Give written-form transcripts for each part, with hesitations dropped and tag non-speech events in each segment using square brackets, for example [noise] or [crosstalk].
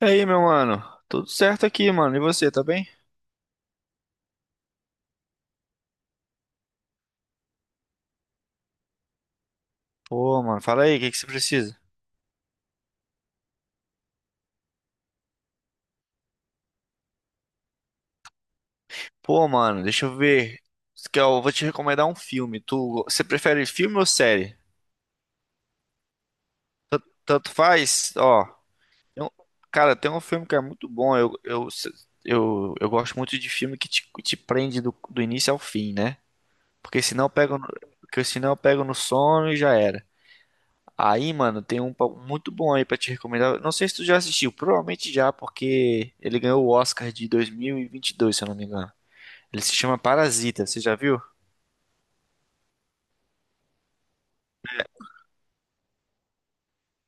E aí, meu mano? Tudo certo aqui, mano. E você, tá bem? Pô, mano, fala aí, o que que você precisa? Pô, mano, deixa eu ver. Você Eu vou te recomendar um filme. Você prefere filme ou série? Tanto faz, ó. tem um- Cara, tem um filme que é muito bom. Eu gosto muito de filme que te prende do início ao fim, né? Porque senão eu pego, no- porque senão eu pego no sono e já era. Aí, mano, tem um muito bom aí pra te recomendar. Não sei se tu já assistiu, provavelmente já, porque ele ganhou o Oscar de 2022, se eu não me engano. Ele se chama Parasita, você já viu?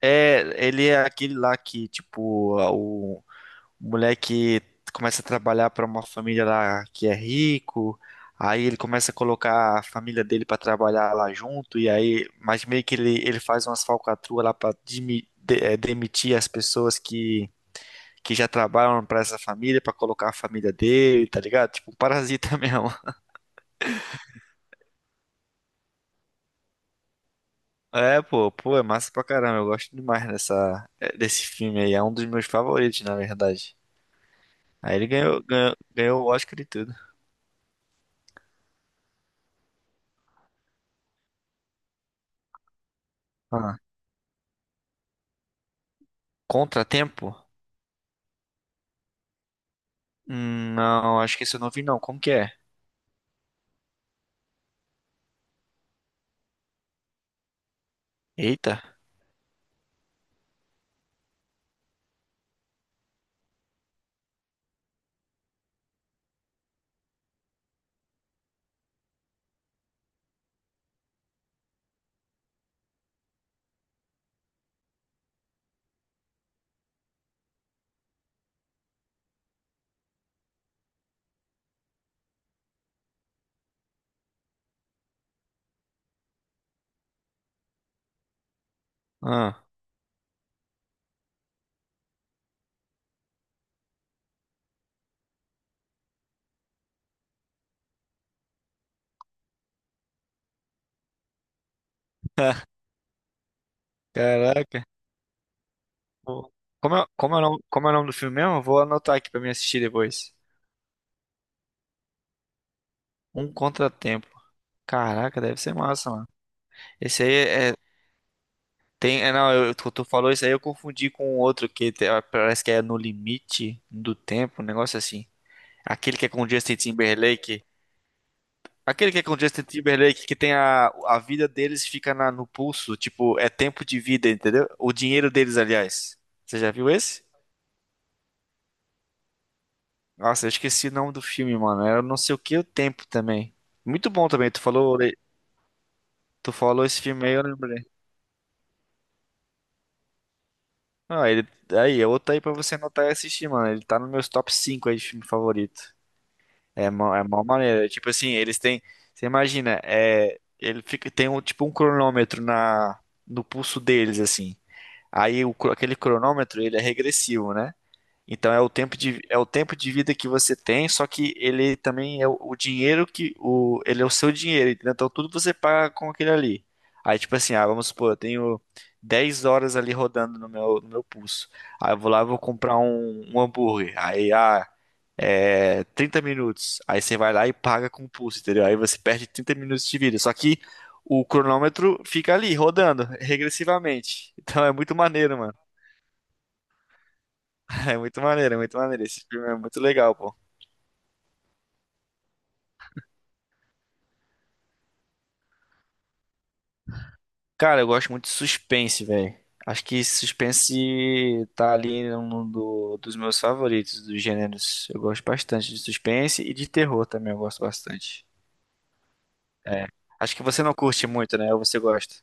É, ele é aquele lá que, tipo, o moleque começa a trabalhar pra uma família lá que é rico, aí ele começa a colocar a família dele pra trabalhar lá junto, e aí, mas meio que ele faz umas falcatruas lá pra demitir as pessoas que já trabalham pra essa família, pra colocar a família dele, tá ligado? Tipo, um parasita [laughs] mesmo. É, pô, é massa pra caramba. Eu gosto demais dessa, é, desse filme aí. É um dos meus favoritos, na verdade. Aí ele ganhou o Oscar e tudo. Ah, Contratempo? Não, acho que isso eu não vi, não. Como que é? Eita. Ah, [laughs] caraca. Pô, como é o nome do filme mesmo? Eu vou anotar aqui pra mim assistir depois. Um Contratempo. Caraca, deve ser massa, mano. Esse aí é Tem, é, não, eu, tu falou isso aí, eu confundi com outro que parece que é No Limite do Tempo, um negócio assim. Aquele que é com o Justin Timberlake. Aquele que é com o Justin Timberlake, que tem a vida deles fica no pulso, tipo, é tempo de vida, entendeu? O dinheiro deles, aliás. Você já viu esse? Nossa, eu esqueci o nome do filme, mano. Era não sei o que o tempo também. Muito bom também, tu falou esse filme aí, eu lembrei. Ah, ele, aí, é outro aí pra você anotar e assistir, mano. Ele tá nos meus top 5 aí de filme favorito. É mó maneiro. É tipo assim, eles têm. Você imagina, é, ele fica, tem um, tipo um cronômetro no pulso deles, assim. Aí aquele cronômetro, ele é regressivo, né? Então é o é o tempo de vida que você tem, só que ele também é o dinheiro ele é o seu dinheiro, entendeu? Então tudo você paga com aquele ali. Aí tipo assim, ah, vamos supor, eu tenho 10 horas ali rodando no meu pulso. Aí eu vou lá, e vou comprar um hambúrguer. Aí ah, é 30 minutos. Aí você vai lá e paga com o pulso, entendeu? Aí você perde 30 minutos de vida. Só que o cronômetro fica ali rodando regressivamente. Então é muito maneiro. [laughs] É muito maneiro, é muito maneiro. Esse filme é muito legal, pô. Cara, eu gosto muito de suspense, velho. Acho que suspense tá ali num dos meus favoritos, dos gêneros. Eu gosto bastante de suspense e de terror também, eu gosto bastante. Acho que você não curte muito, né? Ou você gosta?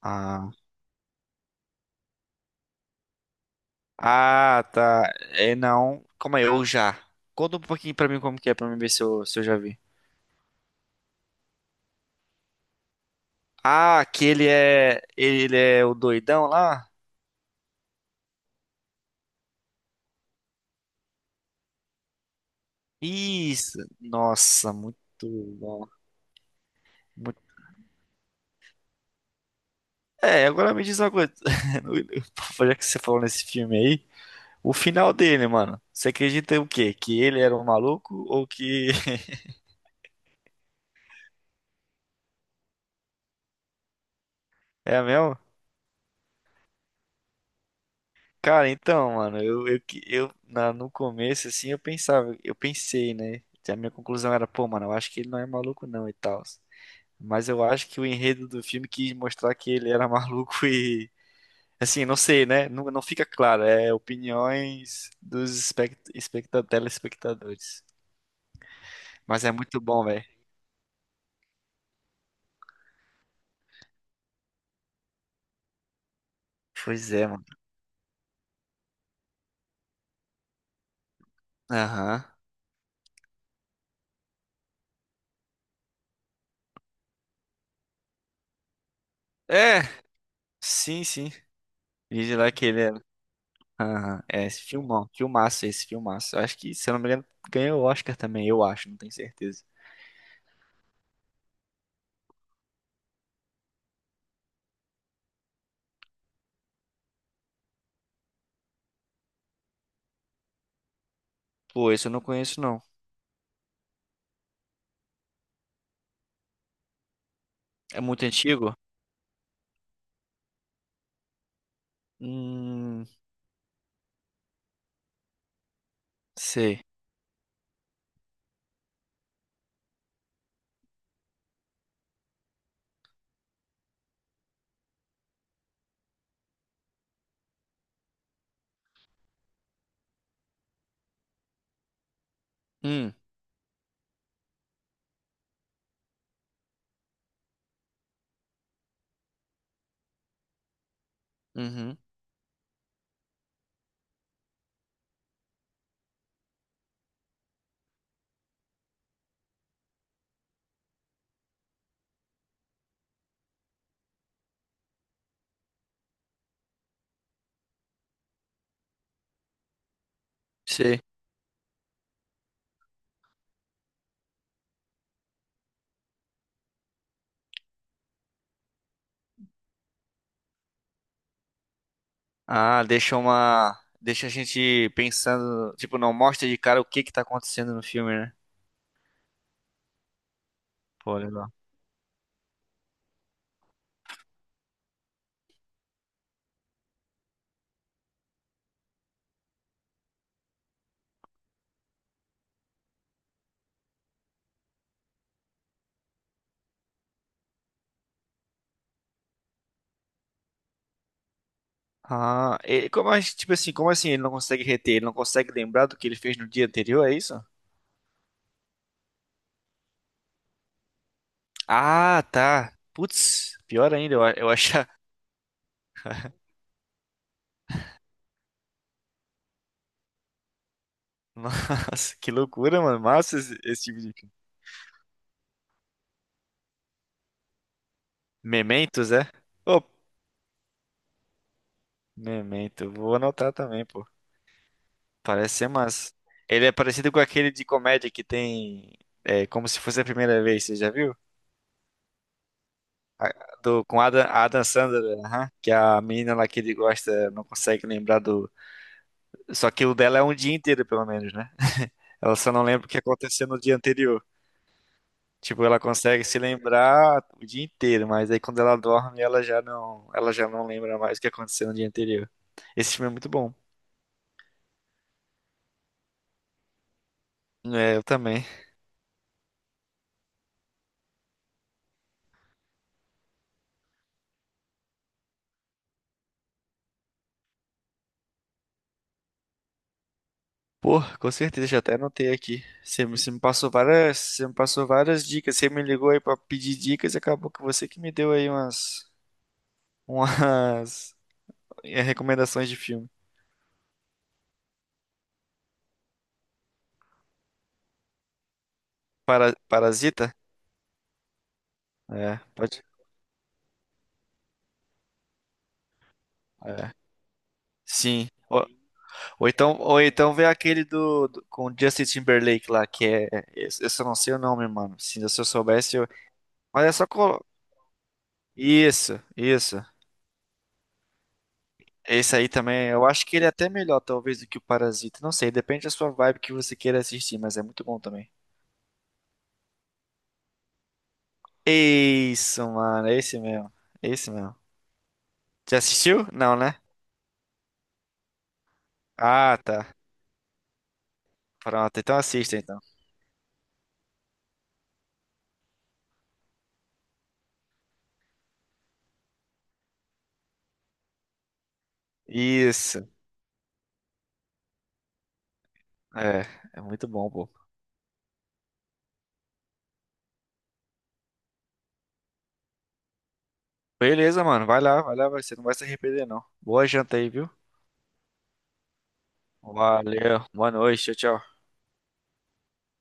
Ah. Ah, tá. É, não. Como é? Eu já. Conta um pouquinho pra mim como que é, pra mim ver se eu já vi. Ah, aquele é. Ele é o doidão lá? Isso. Nossa, muito bom. É, agora me diz uma coisa. [laughs] Já que você falou nesse filme aí, o final dele, mano. Você acredita em o quê? Que ele era um maluco ou que [laughs] é mesmo? Cara, então, mano, eu, que- eu na, no começo, assim, eu pensei, né? A minha conclusão era, pô, mano, eu acho que ele não é maluco, não, e tal. Mas eu acho que o enredo do filme quis mostrar que ele era [laughs] maluco e. Assim, não sei, né? Não, não fica claro. É opiniões dos telespectadores. Mas é muito bom, velho. Pois é, mano. Aham. É, sim, sim. Vídeo lá que ele era. Aham. É, esse filmão. Filmaço. Eu acho que, se eu não me engano, ganhou o Oscar também, eu acho, não tenho certeza. Pô, esse eu não conheço, não. É muito antigo? Hum, sei. Hum, uhum, sei. Ah, deixa uma. Deixa a gente pensando. Tipo, não mostra de cara o que que tá acontecendo no filme, né? Pô, legal. Ah, e tipo assim, como assim ele não consegue reter? Ele não consegue lembrar do que ele fez no dia anterior, é isso? Ah, tá. Putz, pior ainda, eu achar. [laughs] Nossa, que loucura, mano. Massa esse, esse tipo de. Mementos, é? Ô, Memento, eu vou anotar também, pô. Parece ser massa. Ele é parecido com aquele de comédia que tem. É, como se fosse a primeira vez, você já viu? A- do, com Adam Sandler, aham, que é a menina lá que ele gosta não consegue lembrar do. Só que o dela é um dia inteiro, pelo menos, né? Ela só não lembra o que aconteceu no dia anterior. Tipo, ela consegue se lembrar o dia inteiro, mas aí quando ela dorme, ela já não lembra mais o que aconteceu no dia anterior. Esse filme é muito bom. É, eu também. Pô, com certeza, já até anotei aqui. Você me passou várias, você me passou várias dicas. Você me ligou aí pra pedir dicas e acabou que você que me deu aí umas [laughs] recomendações de filme. Parasita? É, pode. É. Sim. Ó, ou então vê aquele com o Justin Timberlake lá, que é. Esse, eu só não sei o nome, mano. Se eu soubesse, eu. Mas é só colo... Isso, isso. Esse aí também, eu acho que ele é até melhor, talvez, do que o Parasita. Não sei, depende da sua vibe que você queira assistir, mas é muito bom também. Isso, mano, é esse mesmo. É esse mesmo. Já assistiu? Não, né? Ah, tá. Pronto, então assista então. Isso. É, é muito bom, pô. Beleza, mano. Vai lá, vai. Você não vai se arrepender, não. Boa janta aí, viu? Valeu, boa noite, tchau, tchau.